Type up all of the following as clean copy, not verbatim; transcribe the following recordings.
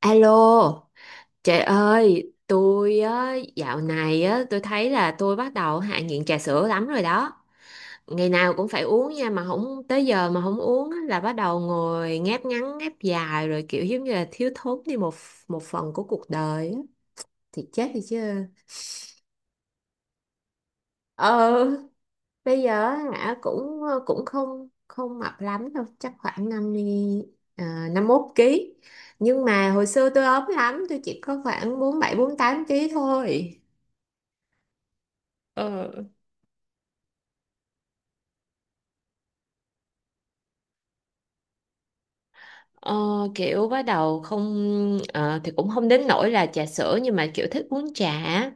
Alo, trời ơi, tôi á, dạo này á, tôi thấy là tôi bắt đầu hạ nghiện trà sữa lắm rồi đó. Ngày nào cũng phải uống nha, mà không tới giờ mà không uống á, là bắt đầu ngồi ngáp ngắn ngáp dài rồi kiểu giống như là thiếu thốn đi một một phần của cuộc đời á. Thì chết đi chứ. Ờ, bây giờ á, hả cũng cũng không không mập lắm đâu, chắc khoảng 50 à, 51 ký. Nhưng mà hồi xưa tôi ốm lắm, tôi chỉ có khoảng 47-48 ký thôi. Ờ, ờ, kiểu bắt đầu không thì cũng không đến nỗi là trà sữa nhưng mà kiểu thích uống trà á.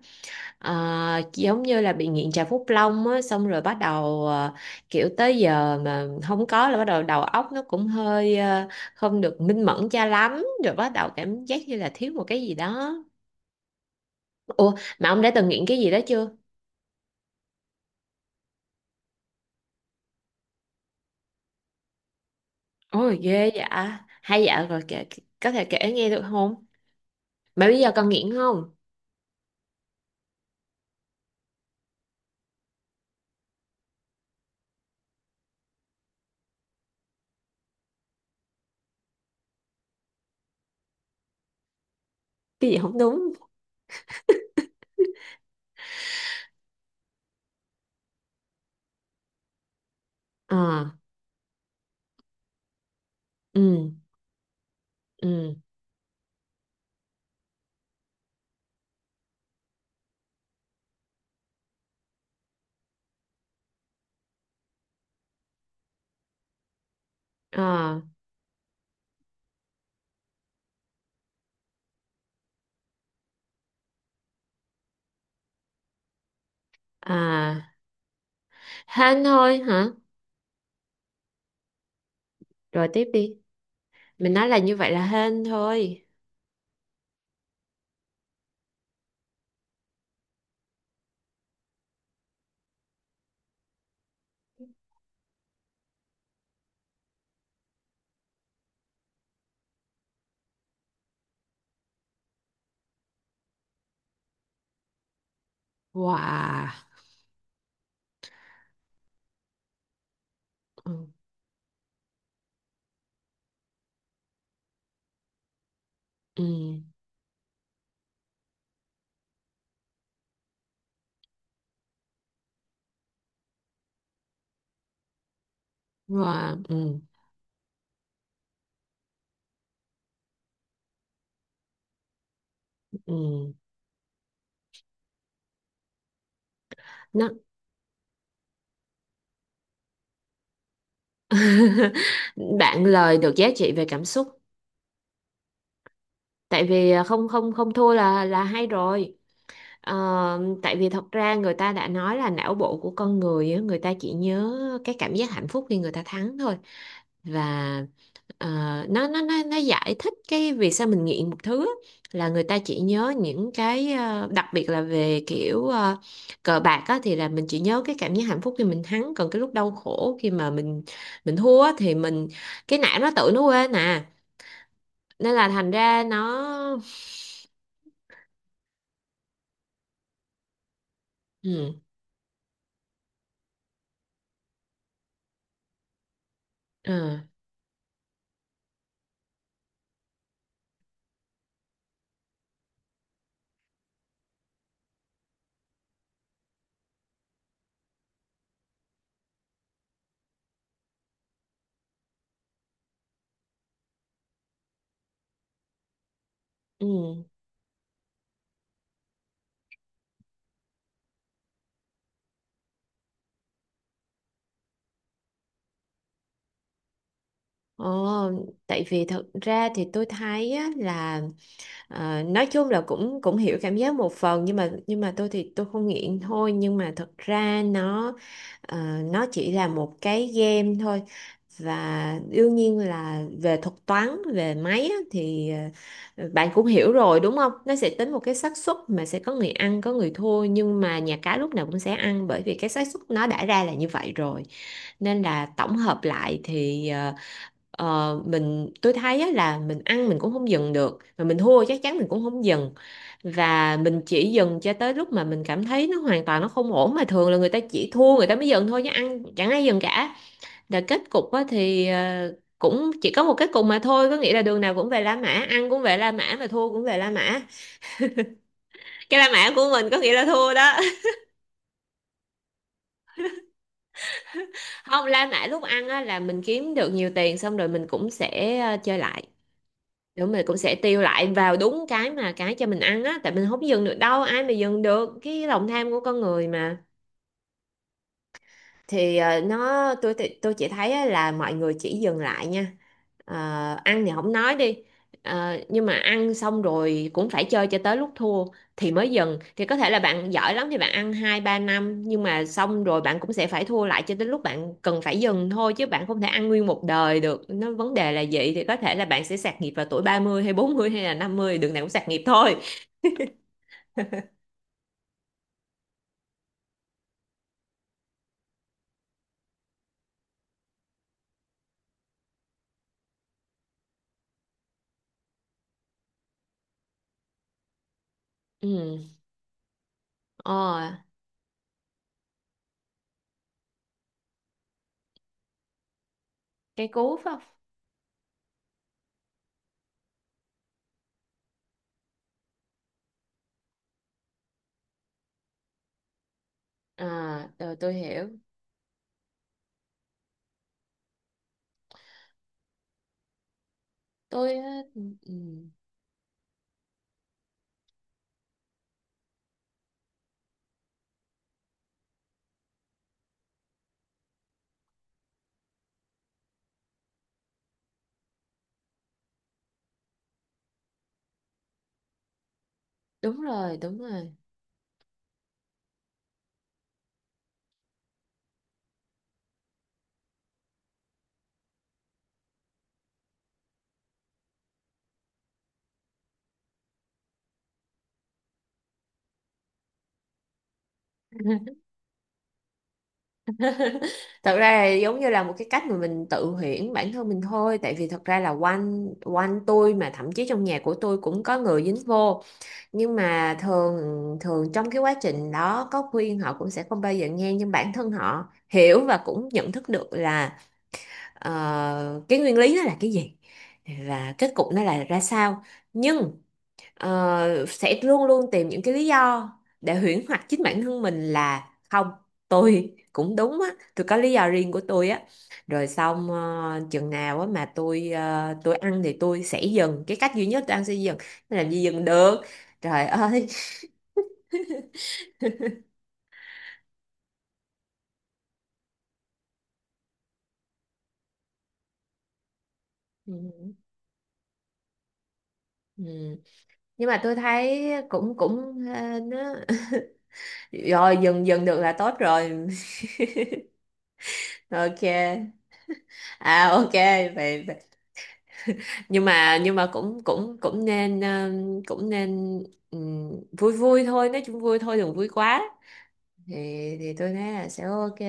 Giống như là bị nghiện trà Phúc Long á xong rồi bắt đầu kiểu tới giờ mà không có là bắt đầu đầu óc nó cũng hơi không được minh mẫn cho lắm rồi bắt đầu cảm giác như là thiếu một cái gì đó. Ủa mà ông đã từng nghiện cái gì đó chưa? Ôi ghê vậy à. Hay dạ rồi kể, có thể kể nghe được không? Mà bây giờ còn nghiện không? Cái gì không đúng? Ờ. Ừ. Ừ. Ờ. À, hên thôi hả? Rồi tiếp đi. Mình nói là như vậy là hên thôi. Wow. Ừ. Ừ. Wow. Ừ. Ừ. Nó, bạn lời được giá trị về cảm xúc. Tại vì không không không thua là hay rồi. Ờ, tại vì thật ra người ta đã nói là não bộ của con người á, người ta chỉ nhớ cái cảm giác hạnh phúc khi người ta thắng thôi và ờ, nó giải thích cái vì sao mình nghiện một thứ á, là người ta chỉ nhớ những cái đặc biệt là về kiểu cờ bạc á, thì là mình chỉ nhớ cái cảm giác hạnh phúc khi mình thắng còn cái lúc đau khổ khi mà mình thua á, thì mình cái não nó tự nó quên à nên là thành ra nó, ừ, ờ, ừ. Ồ, tại vì thật ra thì tôi thấy á, là nói chung là cũng cũng hiểu cảm giác một phần nhưng mà tôi thì tôi không nghiện thôi nhưng mà thật ra nó nó chỉ là một cái game thôi và đương nhiên là về thuật toán về máy á, thì bạn cũng hiểu rồi đúng không? Nó sẽ tính một cái xác suất mà sẽ có người ăn có người thua nhưng mà nhà cái lúc nào cũng sẽ ăn bởi vì cái xác suất nó đã ra là như vậy rồi nên là tổng hợp lại thì ờ, Ờ, mình tôi thấy á, là mình ăn mình cũng không dừng được mà mình thua chắc chắn mình cũng không dừng và mình chỉ dừng cho tới lúc mà mình cảm thấy nó hoàn toàn nó không ổn mà thường là người ta chỉ thua người ta mới dừng thôi chứ ăn chẳng ai dừng cả là kết cục á, thì cũng chỉ có một kết cục mà thôi có nghĩa là đường nào cũng về La Mã ăn cũng về La Mã mà thua cũng về La Mã cái La Mã của mình có nghĩa là thua đó. Không La Mã lúc ăn á, là mình kiếm được nhiều tiền xong rồi mình cũng sẽ chơi lại. Đúng mình cũng sẽ tiêu lại vào đúng cái mà cái cho mình ăn á tại mình không dừng được đâu ai mà dừng được cái lòng tham của con người mà. Thì tôi chỉ thấy á là mọi người chỉ dừng lại nha. Ờ, ăn thì không nói đi. Nhưng mà ăn xong rồi cũng phải chơi cho tới lúc thua thì mới dừng thì có thể là bạn giỏi lắm thì bạn ăn 2-3 năm nhưng mà xong rồi bạn cũng sẽ phải thua lại cho đến lúc bạn cần phải dừng thôi chứ bạn không thể ăn nguyên một đời được nó vấn đề là vậy thì có thể là bạn sẽ sạt nghiệp vào tuổi 30 hay 40 hay là 50 đường nào cũng sạt nghiệp thôi. Ừ. ờ, cây cú phải không? À rồi tôi hiểu. Tôi á, ừ. Ừ. Đúng rồi đúng rồi. Thật ra là giống như là một cái cách mà mình tự huyễn bản thân mình thôi tại vì thật ra là quanh quanh tôi mà thậm chí trong nhà của tôi cũng có người dính vô nhưng mà thường thường trong cái quá trình đó có khuyên họ cũng sẽ không bao giờ nghe nhưng bản thân họ hiểu và cũng nhận thức được là cái nguyên lý nó là cái gì và kết cục nó là ra sao nhưng sẽ luôn luôn tìm những cái lý do để huyễn hoặc chính bản thân mình là không. Tôi cũng đúng á. Tôi có lý do riêng của tôi á. Rồi xong chừng nào á mà tôi ăn thì tôi sẽ dừng cái cách duy nhất tôi ăn sẽ dừng làm gì dừng được trời ơi. Ừ. Ừ. Nhưng mà tôi thấy cũng cũng nó. Rồi dừng dừng được là tốt rồi. Ok. À ok vậy nhưng mà cũng cũng cũng nên cũng nên ừm, vui vui thôi nói chung vui thôi đừng vui quá thì tôi thấy là sẽ ok.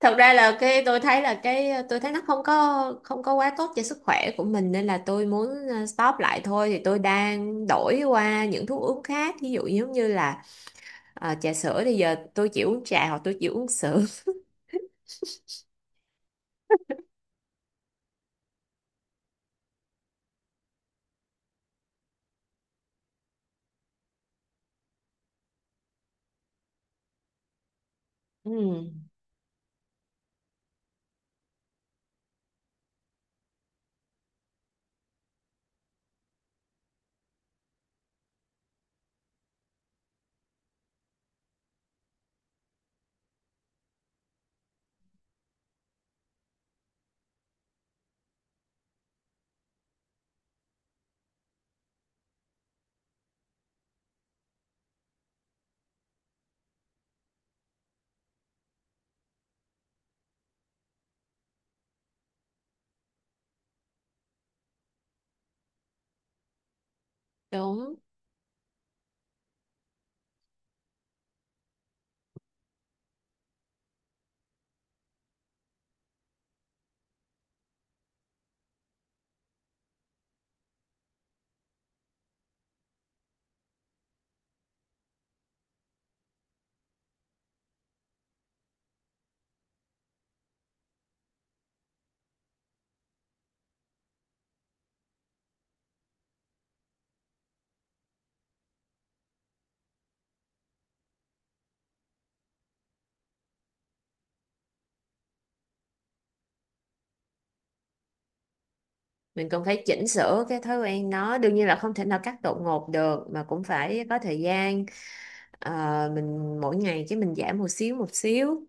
Thật ra là cái tôi thấy nó không có quá tốt cho sức khỏe của mình nên là tôi muốn stop lại thôi thì tôi đang đổi qua những thuốc uống khác ví dụ giống như là trà sữa thì giờ tôi chỉ uống trà hoặc tôi chỉ uống sữa. Ừm, đúng. Mình cần phải chỉnh sửa cái thói quen nó đương nhiên là không thể nào cắt đột ngột được mà cũng phải có thời gian. Ờ, mình mỗi ngày cái mình giảm một xíu một xíu.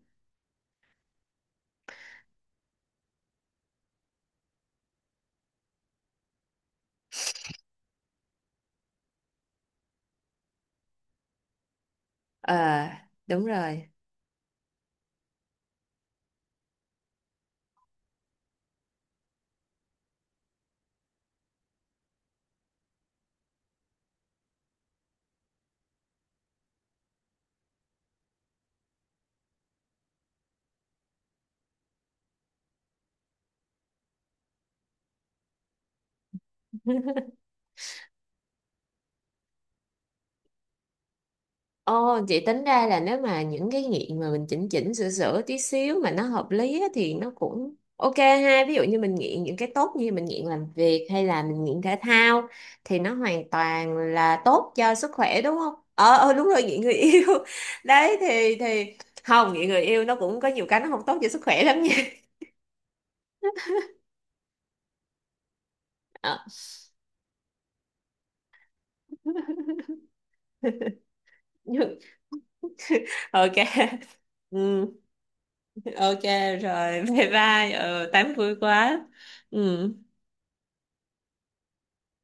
Ờ đúng rồi. Ồ, chị tính ra là nếu mà những cái nghiện mà mình chỉnh chỉnh sửa sửa tí xíu mà nó hợp lý á, thì nó cũng ok ha. Ví dụ như mình nghiện những cái tốt như mình nghiện làm việc hay là mình nghiện thể thao thì nó hoàn toàn là tốt cho sức khỏe đúng không? Ờ, đúng rồi nghiện người yêu. Đấy thì không nghiện người yêu nó cũng có nhiều cái nó không tốt cho sức khỏe lắm nha. Ờ, ok. Ừ. Ok rồi. Bye bye. Ừ tám vui quá. Ừ.